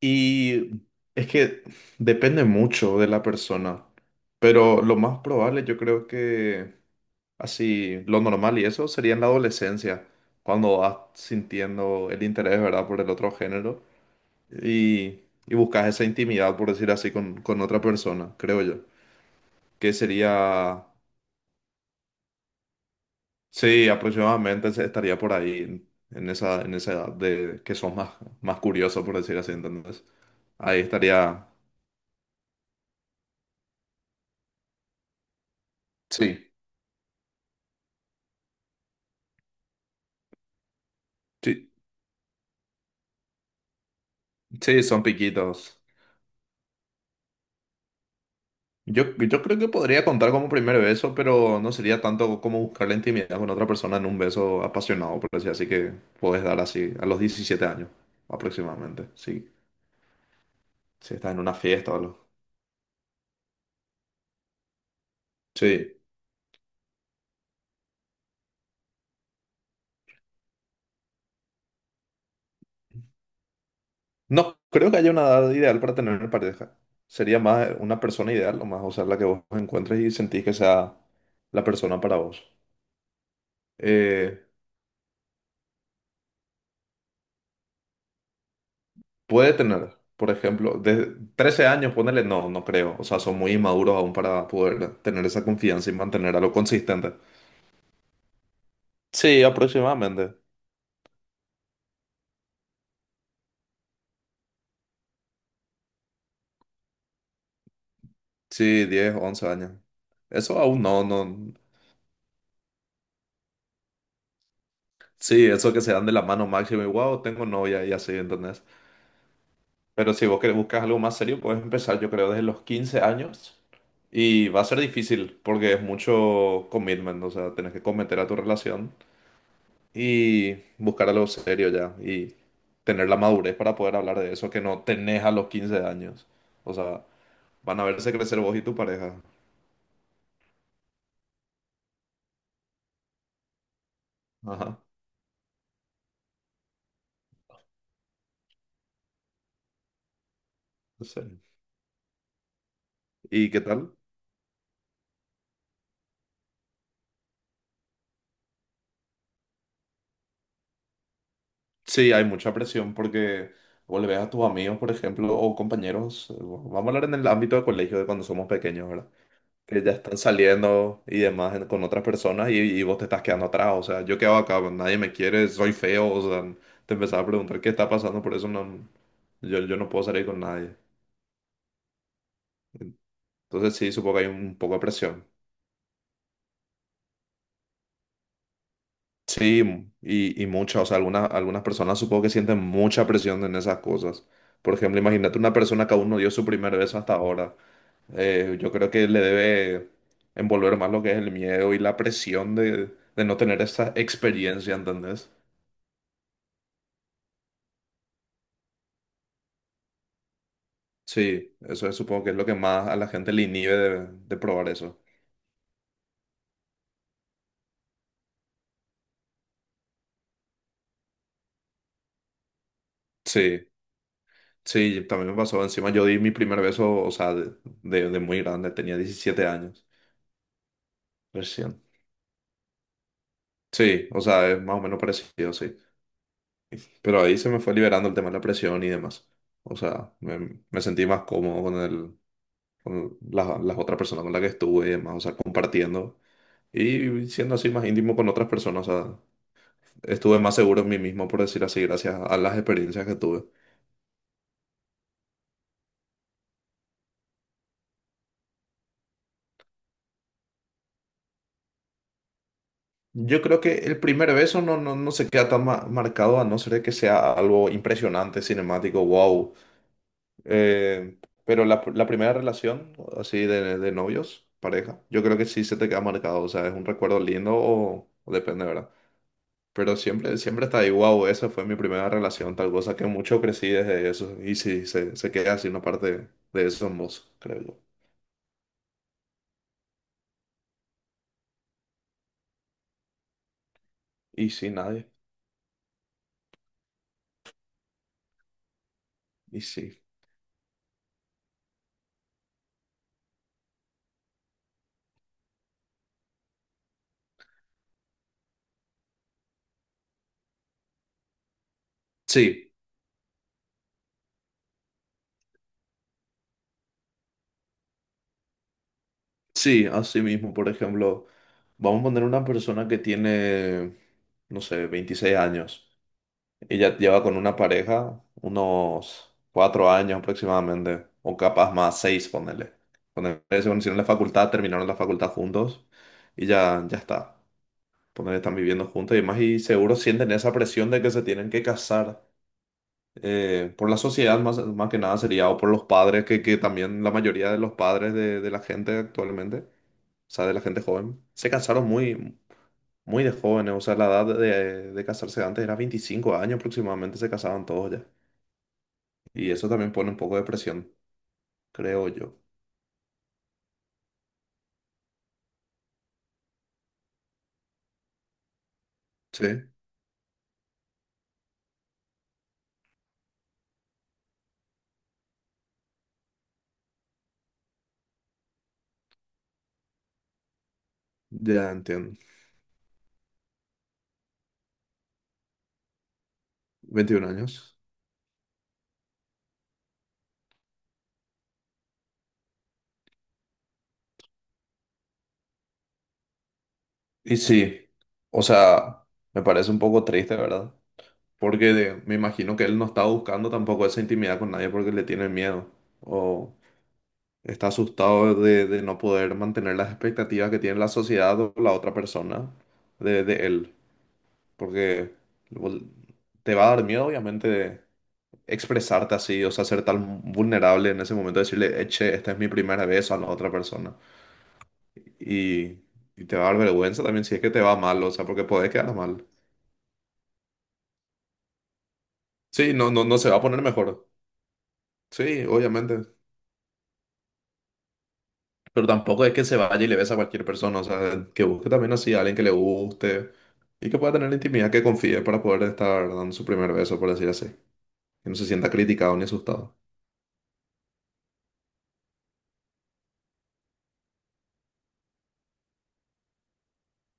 Y es que depende mucho de la persona, pero lo más probable yo creo que así, lo normal y eso sería en la adolescencia, cuando vas sintiendo el interés, ¿verdad?, por el otro género y, y buscas esa intimidad, por decir así, con otra persona, creo yo, que sería, sí, aproximadamente estaría por ahí, en esa edad de que sos más curioso, por decir así, entonces, ahí estaría, sí. Sí. Sí, son piquitos. Yo creo que podría contar como primer beso, pero no sería tanto como buscar la intimidad con otra persona en un beso apasionado, por decir así que puedes dar así a los 17 años aproximadamente. Sí, si estás en una fiesta o algo. Sí. No, creo que haya una edad ideal para tener pareja. Sería más una persona ideal, o más, o sea, la que vos encuentres y sentís que sea la persona para vos. Eh, Puede tener, por ejemplo, de 13 años, ponerle, no, no creo. O sea, son muy inmaduros aún para poder tener esa confianza y mantener algo consistente. Sí, aproximadamente. Sí, 10, 11 años. Eso aún no, no. Sí, eso que se dan de la mano máximo y wow, tengo novia y así, ¿entendés? Pero si vos querés, buscar algo más serio, puedes empezar, yo creo, desde los 15 años. Y va a ser difícil porque es mucho commitment, o sea, tenés que cometer a tu relación. Y buscar algo serio ya y tener la madurez para poder hablar de eso que no tenés a los 15 años. O sea, van a verse crecer vos y tu pareja. Ajá, sí. ¿Y qué tal? Sí, hay mucha presión porque vos le ves a tus amigos, por ejemplo, o compañeros. Vamos a hablar en el ámbito de colegio de cuando somos pequeños, ¿verdad? Que ya están saliendo y demás con otras personas y vos te estás quedando atrás. O sea, yo quedo acá, nadie me quiere, soy feo. O sea, te empezaba a preguntar qué está pasando, por eso no, yo no puedo salir con nadie. Entonces sí, supongo que hay un poco de presión. Sí, y mucha, o sea, algunas personas supongo que sienten mucha presión en esas cosas. Por ejemplo, imagínate una persona que aún no dio su primer beso hasta ahora. Yo creo que le debe envolver más lo que es el miedo y la presión de no tener esa experiencia, ¿entendés? Sí, eso supongo que es lo que más a la gente le inhibe de probar eso. Sí, sí, también me pasó. Encima yo di mi primer beso, o sea, de muy grande, tenía 17 años recién. Sí, o sea, es más o menos parecido, sí. Pero ahí se me fue liberando el tema de la presión y demás. O sea, me sentí más cómodo con las otras personas con las que estuve y demás, o sea, compartiendo y siendo así más íntimo con otras personas. O sea, estuve más seguro en mí mismo, por decir así, gracias a las experiencias que tuve. Yo creo que el primer beso no, no, no se queda tan marcado a no ser de que sea algo impresionante, cinemático, wow. Eh, pero la primera relación, así de novios, pareja, yo creo que sí se te queda marcado. O sea, es un recuerdo lindo o depende, ¿verdad? Pero siempre, siempre está ahí, wow, esa fue mi primera relación, tal cosa que mucho crecí desde eso. Y sí, se queda así una parte de eso en vos, creo yo. Y sí, nadie. Y sí. Sí. Sí, así mismo, por ejemplo, vamos a poner una persona que tiene, no sé, 26 años. Ella lleva con una pareja unos 4 años aproximadamente, o capaz más, 6 ponele. Ponele, se conocieron en la facultad, terminaron la facultad juntos y ya, ya está. Ponele, están viviendo juntos y demás y seguro sienten esa presión de que se tienen que casar. Por la sociedad más que nada sería, o por los padres, que también la mayoría de los padres de la gente actualmente, o sea, de la gente joven. Se casaron muy, muy de jóvenes, o sea, la edad de casarse antes era 25 años aproximadamente, se casaban todos ya. Y eso también pone un poco de presión, creo yo. Sí, ya entiendo. 21 años. Y sí, o sea, me parece un poco triste, ¿verdad? Porque me imagino que él no está buscando tampoco esa intimidad con nadie porque le tiene miedo o está asustado de no poder mantener las expectativas que tiene la sociedad o la otra persona de él. Porque vol- te va a dar miedo, obviamente, expresarte así, o sea, ser tan vulnerable en ese momento, decirle, "Che, esta es mi primera vez a la otra persona. Y, y te va a dar vergüenza también si es que te va mal, o sea, porque podés quedar mal. Sí, no, no, no se va a poner mejor. Sí, obviamente. Pero tampoco es que se vaya y le besa a cualquier persona, o sea, que busque también así a alguien que le guste y que pueda tener intimidad, que confíe para poder estar dando su primer beso, por decir así. Que no se sienta criticado ni asustado.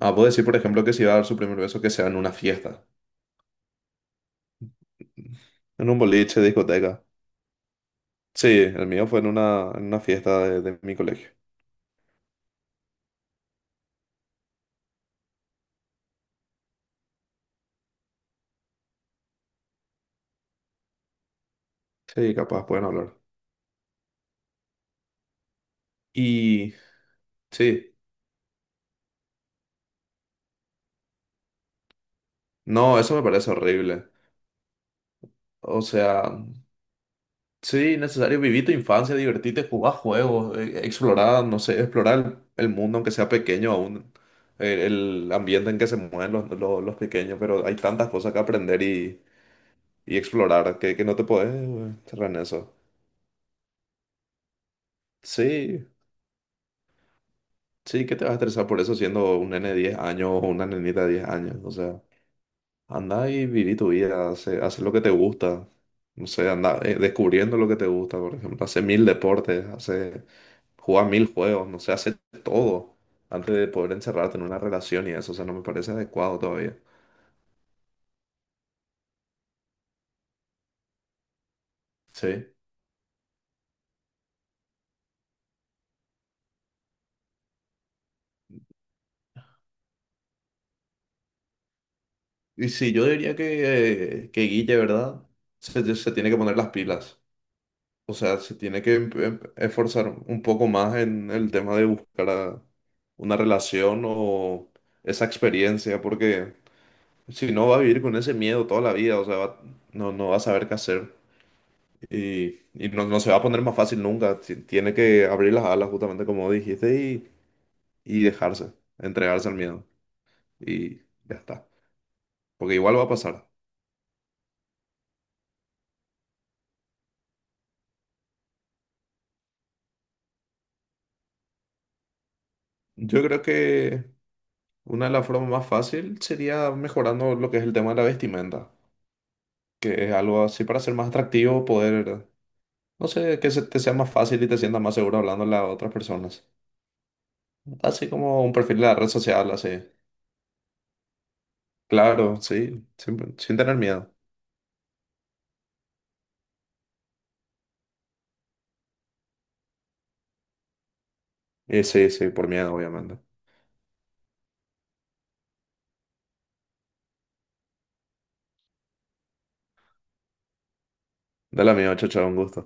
Ah, puedo decir, por ejemplo, que si va a dar su primer beso, que sea en una fiesta. En un boliche, discoteca. Sí, el mío fue en una fiesta de mi colegio. Sí, capaz pueden hablar. Y sí, no, eso me parece horrible. O sea, sí, necesario vivir tu infancia, divertirte, jugar juegos, explorar, no sé, explorar el mundo, aunque sea pequeño aún, el ambiente en que se mueven los pequeños, pero hay tantas cosas que aprender y explorar que no te puedes cerrar en eso. Sí, sí, ¿qué te vas a estresar por eso siendo un nene de 10 años o una nenita de 10 años? O sea, anda y viví tu vida, hace lo que te gusta. No sé, anda descubriendo lo que te gusta, por ejemplo. Hace mil deportes, juega mil juegos, no sé, hace todo antes de poder encerrarte en una relación y eso. O sea, no me parece adecuado todavía. Sí. Y sí, yo diría que Guille, ¿verdad? Se tiene que poner las pilas. O sea, se tiene que esforzar un poco más en el tema de buscar una relación o esa experiencia, porque si no va a vivir con ese miedo toda la vida, o sea, no, no va a saber qué hacer y no, no se va a poner más fácil nunca. Tiene que abrir las alas, justamente como dijiste, y dejarse, entregarse al miedo y ya está, porque igual va a pasar. Yo creo que una de las formas más fácil sería mejorando lo que es el tema de la vestimenta. Que es algo así para ser más atractivo, poder, no sé, que se te sea más fácil y te sientas más seguro hablando a otras personas. Así como un perfil de la red social, así. Claro, sí, sin tener miedo. Y sí, sí, por miedo, obviamente. Dale amigo, chao, chao, un gusto.